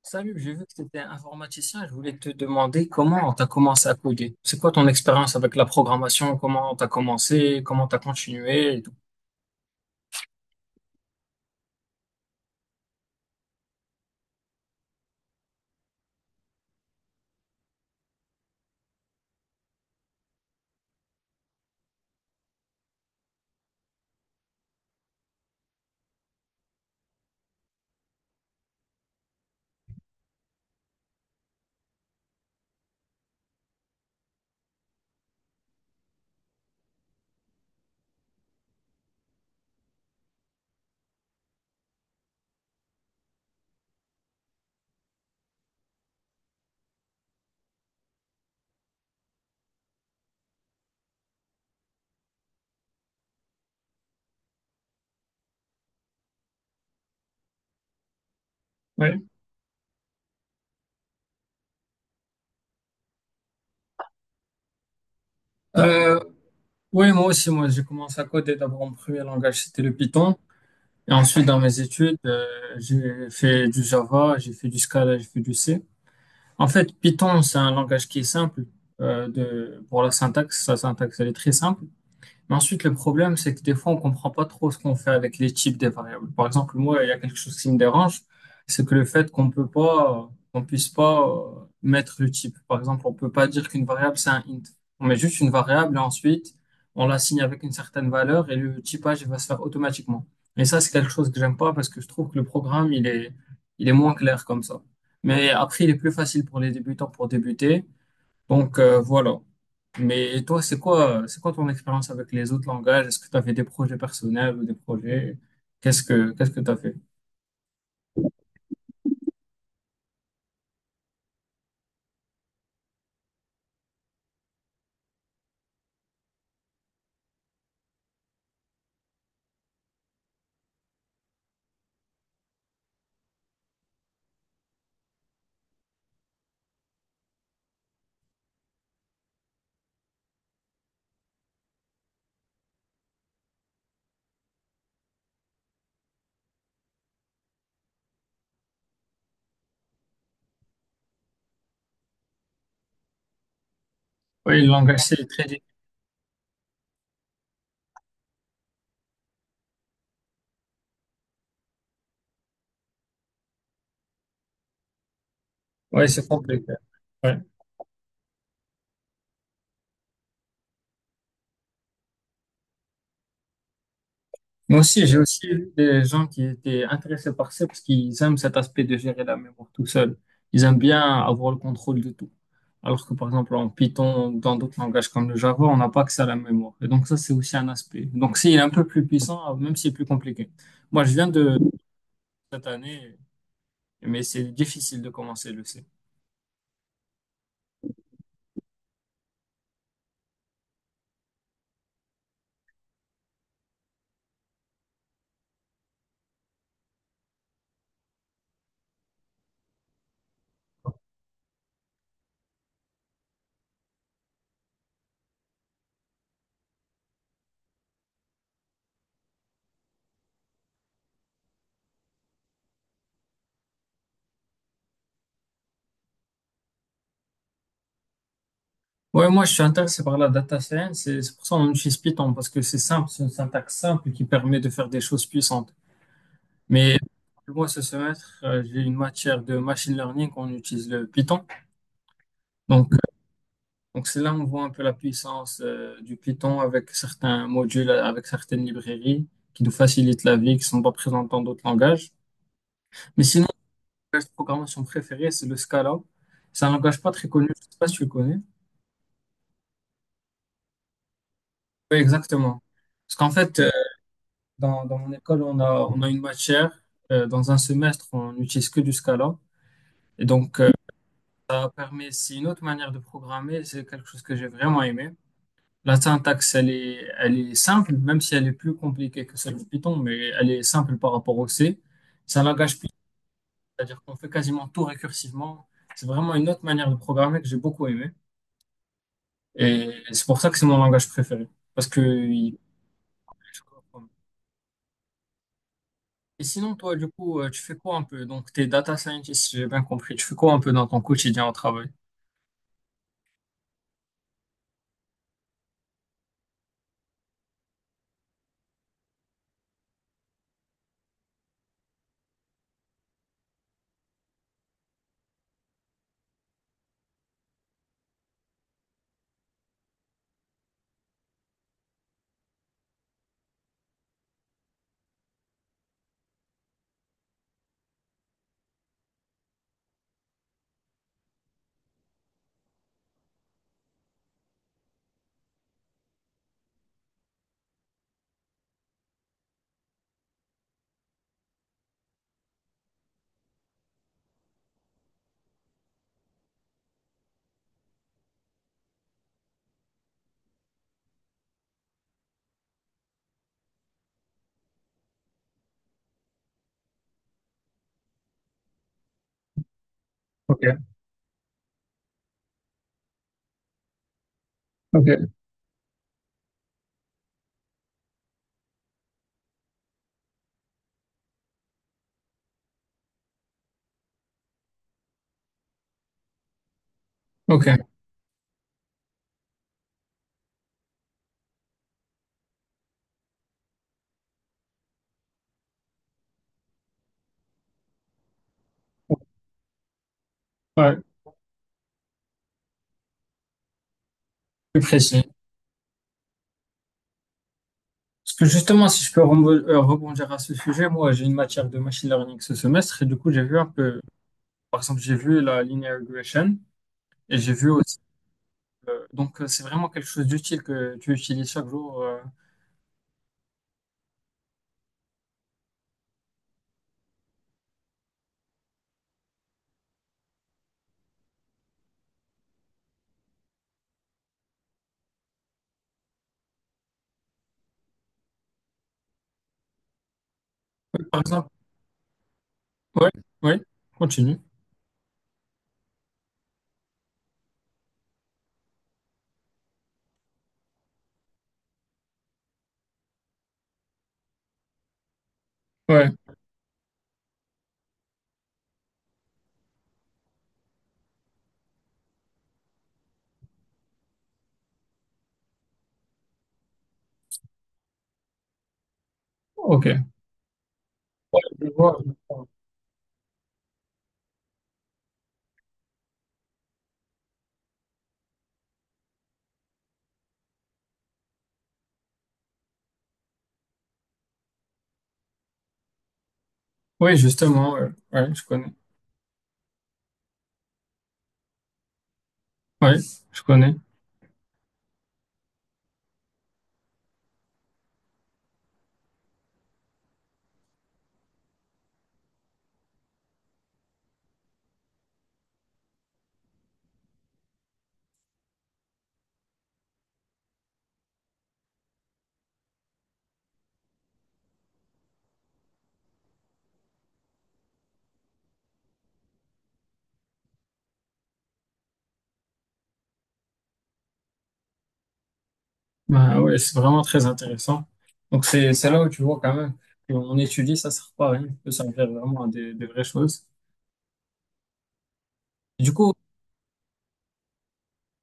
Salut, j'ai vu que tu étais informaticien. Je voulais te demander comment tu as commencé à coder. C'est quoi ton expérience avec la programmation? Comment tu as commencé? Comment tu as continué et tout. Ouais. Euh, oui, moi aussi, moi, j'ai commencé à coder. D'abord, mon premier langage, c'était le Python. Et ensuite, dans mes études, j'ai fait du Java, j'ai fait du Scala, j'ai fait du C. En fait, Python, c'est un langage qui est simple de, pour la syntaxe. Sa syntaxe, elle est très simple. Mais ensuite, le problème, c'est que des fois, on comprend pas trop ce qu'on fait avec les types des variables. Par exemple, moi, il y a quelque chose qui me dérange, c'est que le fait qu'on peut pas, qu'on puisse pas mettre le type. Par exemple, on peut pas dire qu'une variable, c'est un int. On met juste une variable et ensuite, on l'assigne avec une certaine valeur et le typage il va se faire automatiquement. Et ça, c'est quelque chose que j'aime pas parce que je trouve que le programme, il est moins clair comme ça. Mais après, il est plus facile pour les débutants pour débuter. Donc voilà. Mais toi, c'est quoi ton expérience avec les autres langages? Est-ce que tu as des projets personnels ou des projets? Qu'est-ce que tu as fait? Oui, le langage, c'est très difficile. Oui, c'est compliqué. Ouais. Moi aussi, j'ai aussi vu des gens qui étaient intéressés par ça parce qu'ils aiment cet aspect de gérer la mémoire tout seul. Ils aiment bien avoir le contrôle de tout. Alors que par exemple en Python ou dans d'autres langages comme le Java, on n'a pas que ça à la mémoire. Et donc ça, c'est aussi un aspect. Donc c'est un peu plus puissant, même si c'est plus compliqué. Moi, je viens de cette année, mais c'est difficile de commencer, le C. Ouais, moi, je suis intéressé par la data science et c'est pour ça qu'on utilise Python parce que c'est simple, c'est une syntaxe simple qui permet de faire des choses puissantes. Mais moi, ce semestre, j'ai une matière de machine learning on utilise le Python. Donc, euh, donc c'est là où on voit un peu la puissance du Python avec certains modules, avec certaines librairies qui nous facilitent la vie, qui sont pas présentes dans d'autres langages. Mais sinon, mon langage de programmation préféré, c'est le Scala. C'est un langage pas très connu, je sais pas si tu le connais. Oui, exactement. Parce qu'en fait, dans mon école, on a une matière. Dans un semestre, on n'utilise que du Scala. Et donc, ça permet, c'est une autre manière de programmer. C'est quelque chose que j'ai vraiment aimé. La syntaxe, elle est simple, même si elle est plus compliquée que celle de Python, mais elle est simple par rapport au C. C'est un langage Python, c'est-à-dire qu'on fait quasiment tout récursivement. C'est vraiment une autre manière de programmer que j'ai beaucoup aimé. Et c'est pour ça que c'est mon langage préféré. Parce que il- Et sinon, toi, du coup, tu fais quoi un peu? Donc, t'es data scientist, si j'ai bien compris. Tu fais quoi un peu dans ton quotidien au travail? Ok, ok, ok. Ouais, plus précis. Parce que justement, si je peux rebondir à ce sujet, moi, j'ai une matière de machine learning ce semestre et du coup, j'ai vu un peu, par exemple, j'ai vu la linear regression et j'ai vu aussi, donc, c'est vraiment quelque chose d'utile que tu utilises chaque jour. Par exemple, ouais, ouais, continue. Ouais, ok. Ouais, je vois. Oui, justement, ouais, ouais, je connais. Oui, je connais. Bah ouais, c'est vraiment très intéressant. Donc c'est là où tu vois quand même qu'on étudie, ça sert pas à rien, ça peut servir vraiment à des vraies choses. Du coup,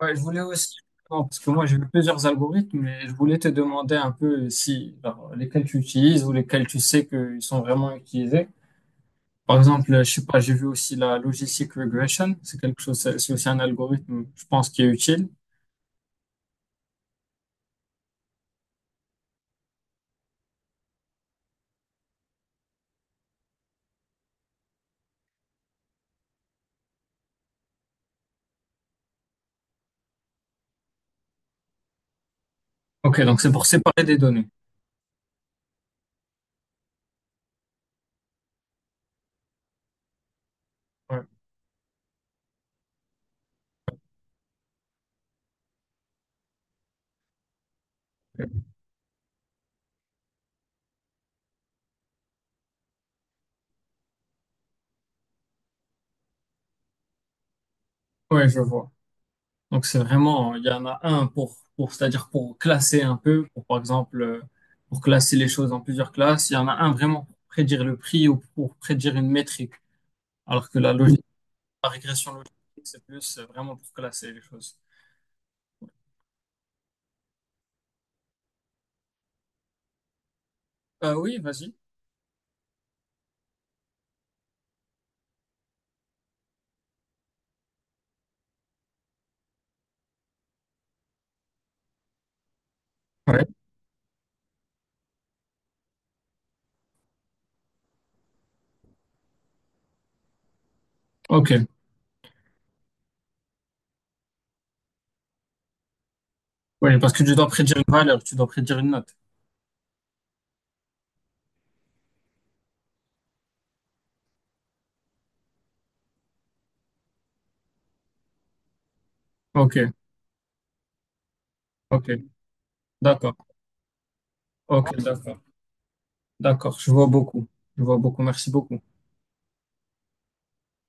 ouais, je voulais aussi, non, parce que moi j'ai vu plusieurs algorithmes, mais je voulais te demander un peu si genre, lesquels tu utilises ou lesquels tu sais qu'ils sont vraiment utilisés. Par exemple, je sais pas, j'ai vu aussi la logistic regression, c'est quelque chose, c'est aussi un algorithme, je pense, qui est utile. Ok, donc c'est pour séparer des données. Ouais, ouais, je vois. Donc c'est vraiment, il y en a un pour c'est-à-dire pour classer un peu, pour par exemple, pour classer les choses en plusieurs classes, il y en a un vraiment pour prédire le prix ou pour prédire une métrique, alors que la logique, la régression logique, c'est plus vraiment pour classer les choses. Oui, vas-y. Ouais. Ok. Oui, parce que tu dois prédire une valeur, tu dois prédire une note. Ok, ok, d'accord, ok, d'accord, d'accord, je vois beaucoup, merci beaucoup.